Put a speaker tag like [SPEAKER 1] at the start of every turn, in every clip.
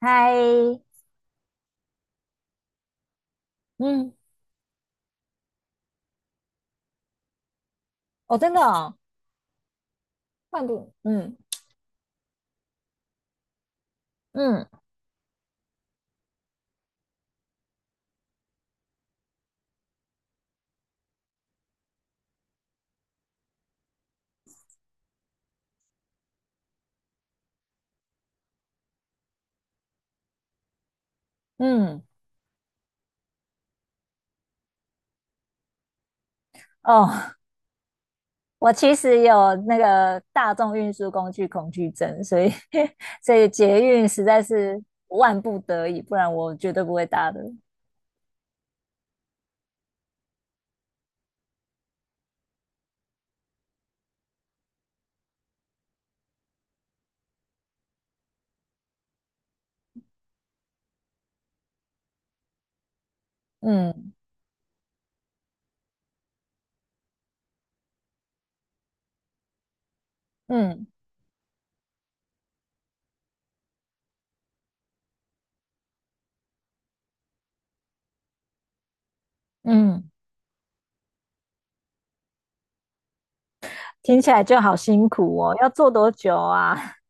[SPEAKER 1] 嗨。嗯。哦，真的哦？换不，嗯嗯嗯。哦，我其实有那个大众运输工具恐惧症，所以 所以捷运实在是万不得已，不然我绝对不会搭的。嗯嗯嗯。听起来就好辛苦哦，要坐多久啊？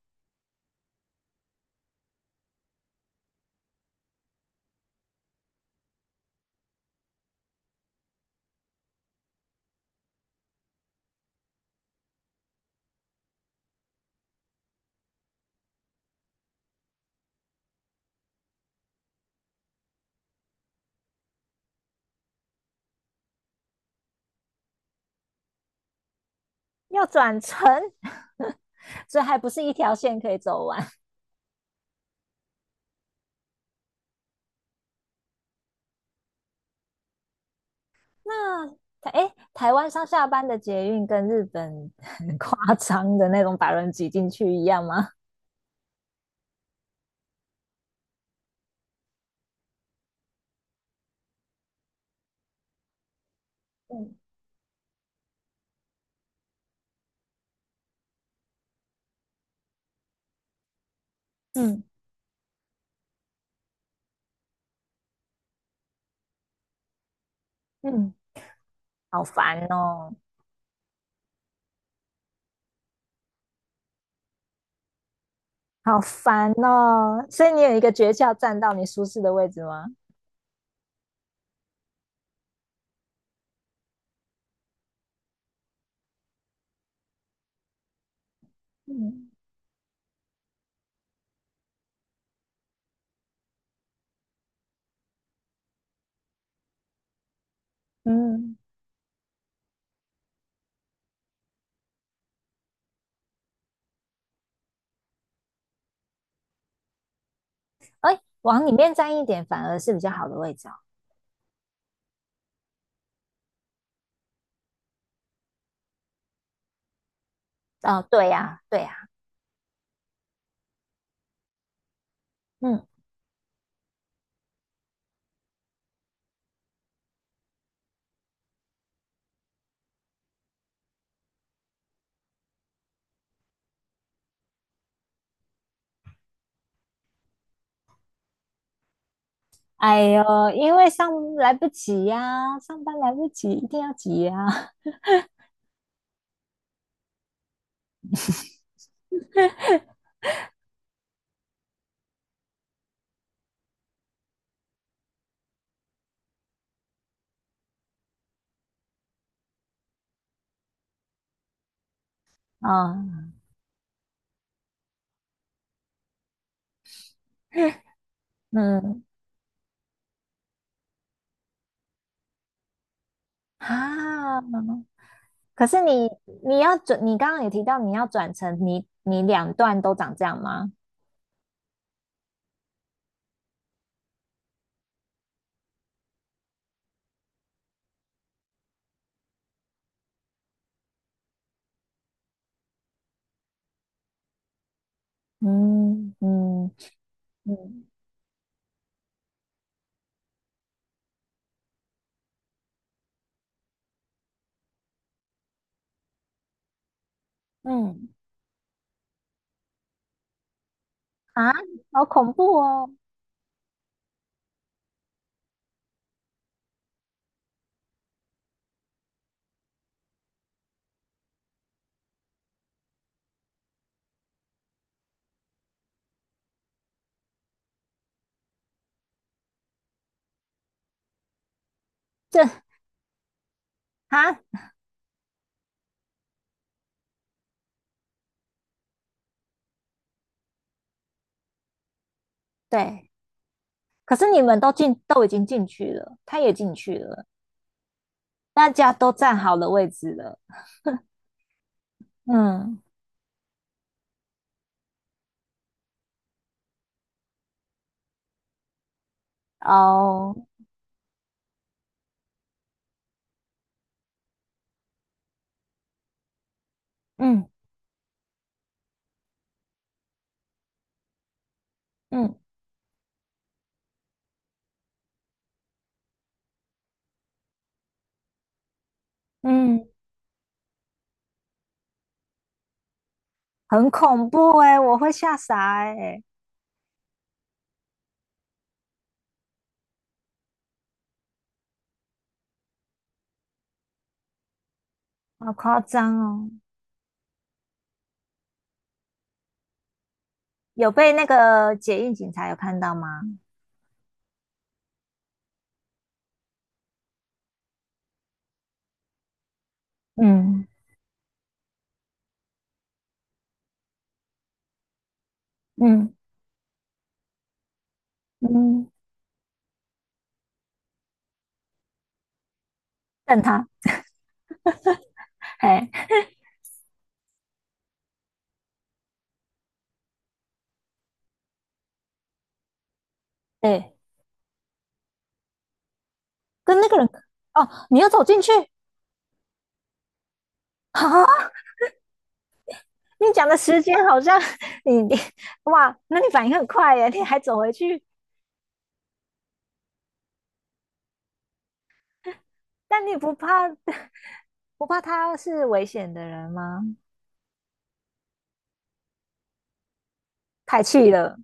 [SPEAKER 1] 要转乘。所以还不是一条线可以走完。那台哎，台湾上下班的捷运跟日本很夸张的那种把人挤进去一样吗？嗯 嗯嗯。好烦哦，好烦哦。所以你有一个诀窍，站到你舒适的位置吗？嗯，嗯，哎，往里面站一点反而是比较好的位置哦。哦，对呀，对呀。嗯。哎呦，因为上来不及呀，上班来不及，一定要挤呀。啊，嗯，啊，可是你要转，你刚刚也提到你要转成你两段都长这样吗？嗯嗯嗯嗯啊，好恐怖哦！这啊，对，可是你们都已经进去了，他也进去了，大家都站好了位置了。嗯哦，嗯嗯嗯。很恐怖哎，我会吓傻哎。好夸张哦！有被那个解印警察有看到吗？嗯嗯嗯。瞪他。哎哎，跟那个人。哦，你又走进去？啊？你讲的时间好像你你哇，那你反应很快耶，你还走回去。但你不怕他是危险的人吗？太气了。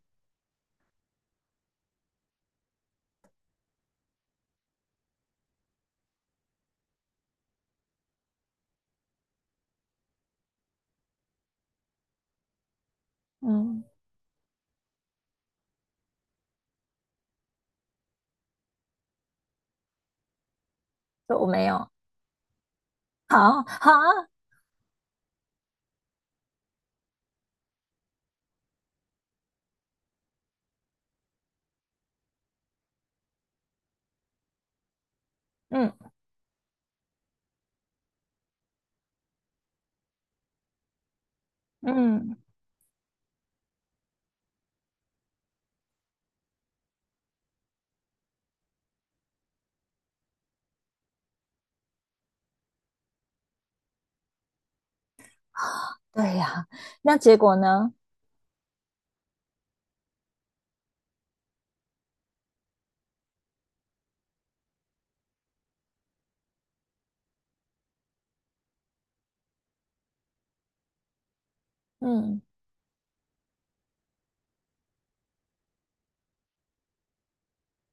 [SPEAKER 1] 嗯。说我没有。好好。嗯嗯。对呀，那结果呢？嗯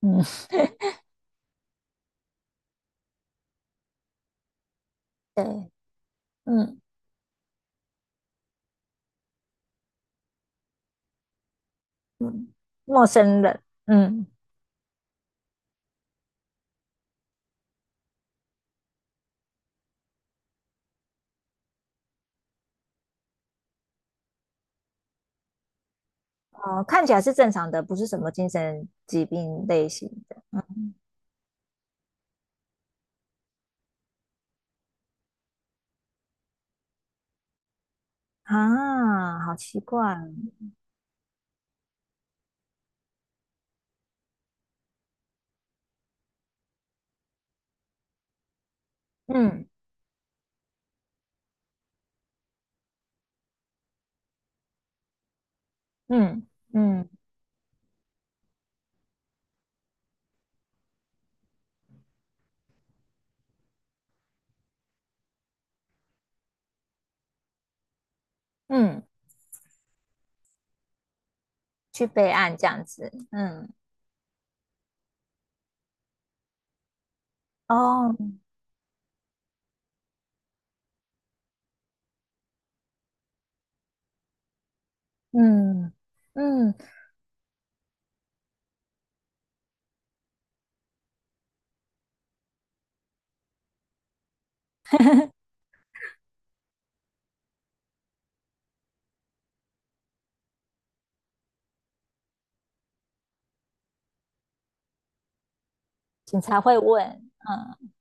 [SPEAKER 1] 嗯。对。嗯嗯。陌生人。嗯哦，看起来是正常的，不是什么精神疾病类型的。啊，好奇怪。嗯嗯嗯嗯。去备案这样子。嗯哦，嗯嗯。警察会问。嗯，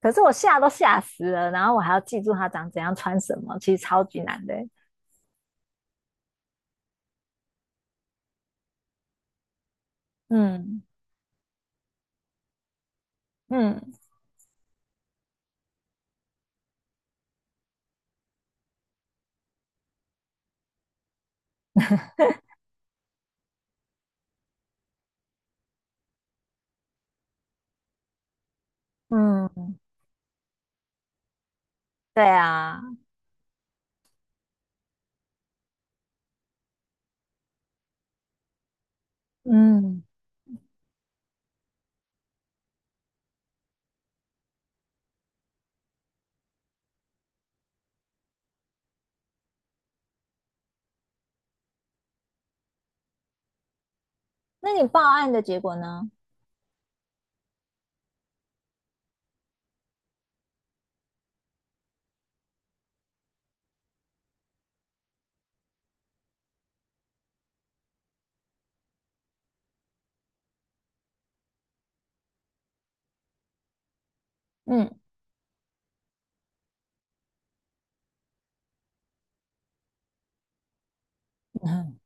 [SPEAKER 1] 可是我吓都吓死了，然后我还要记住他长怎样穿什么，其实超级难的欸。嗯嗯嗯。对啊。嗯，那你报案的结果呢？嗯嗯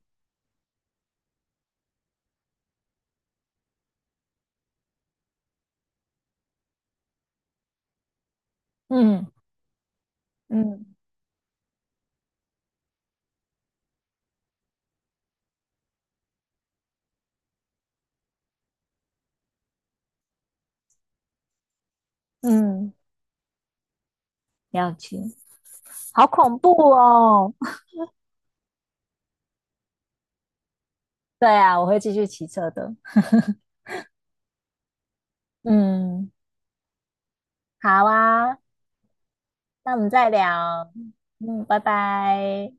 [SPEAKER 1] 嗯嗯嗯。了解。好恐怖哦。对啊，我会继续骑车的。嗯，好啊。那我们再聊。嗯，拜拜。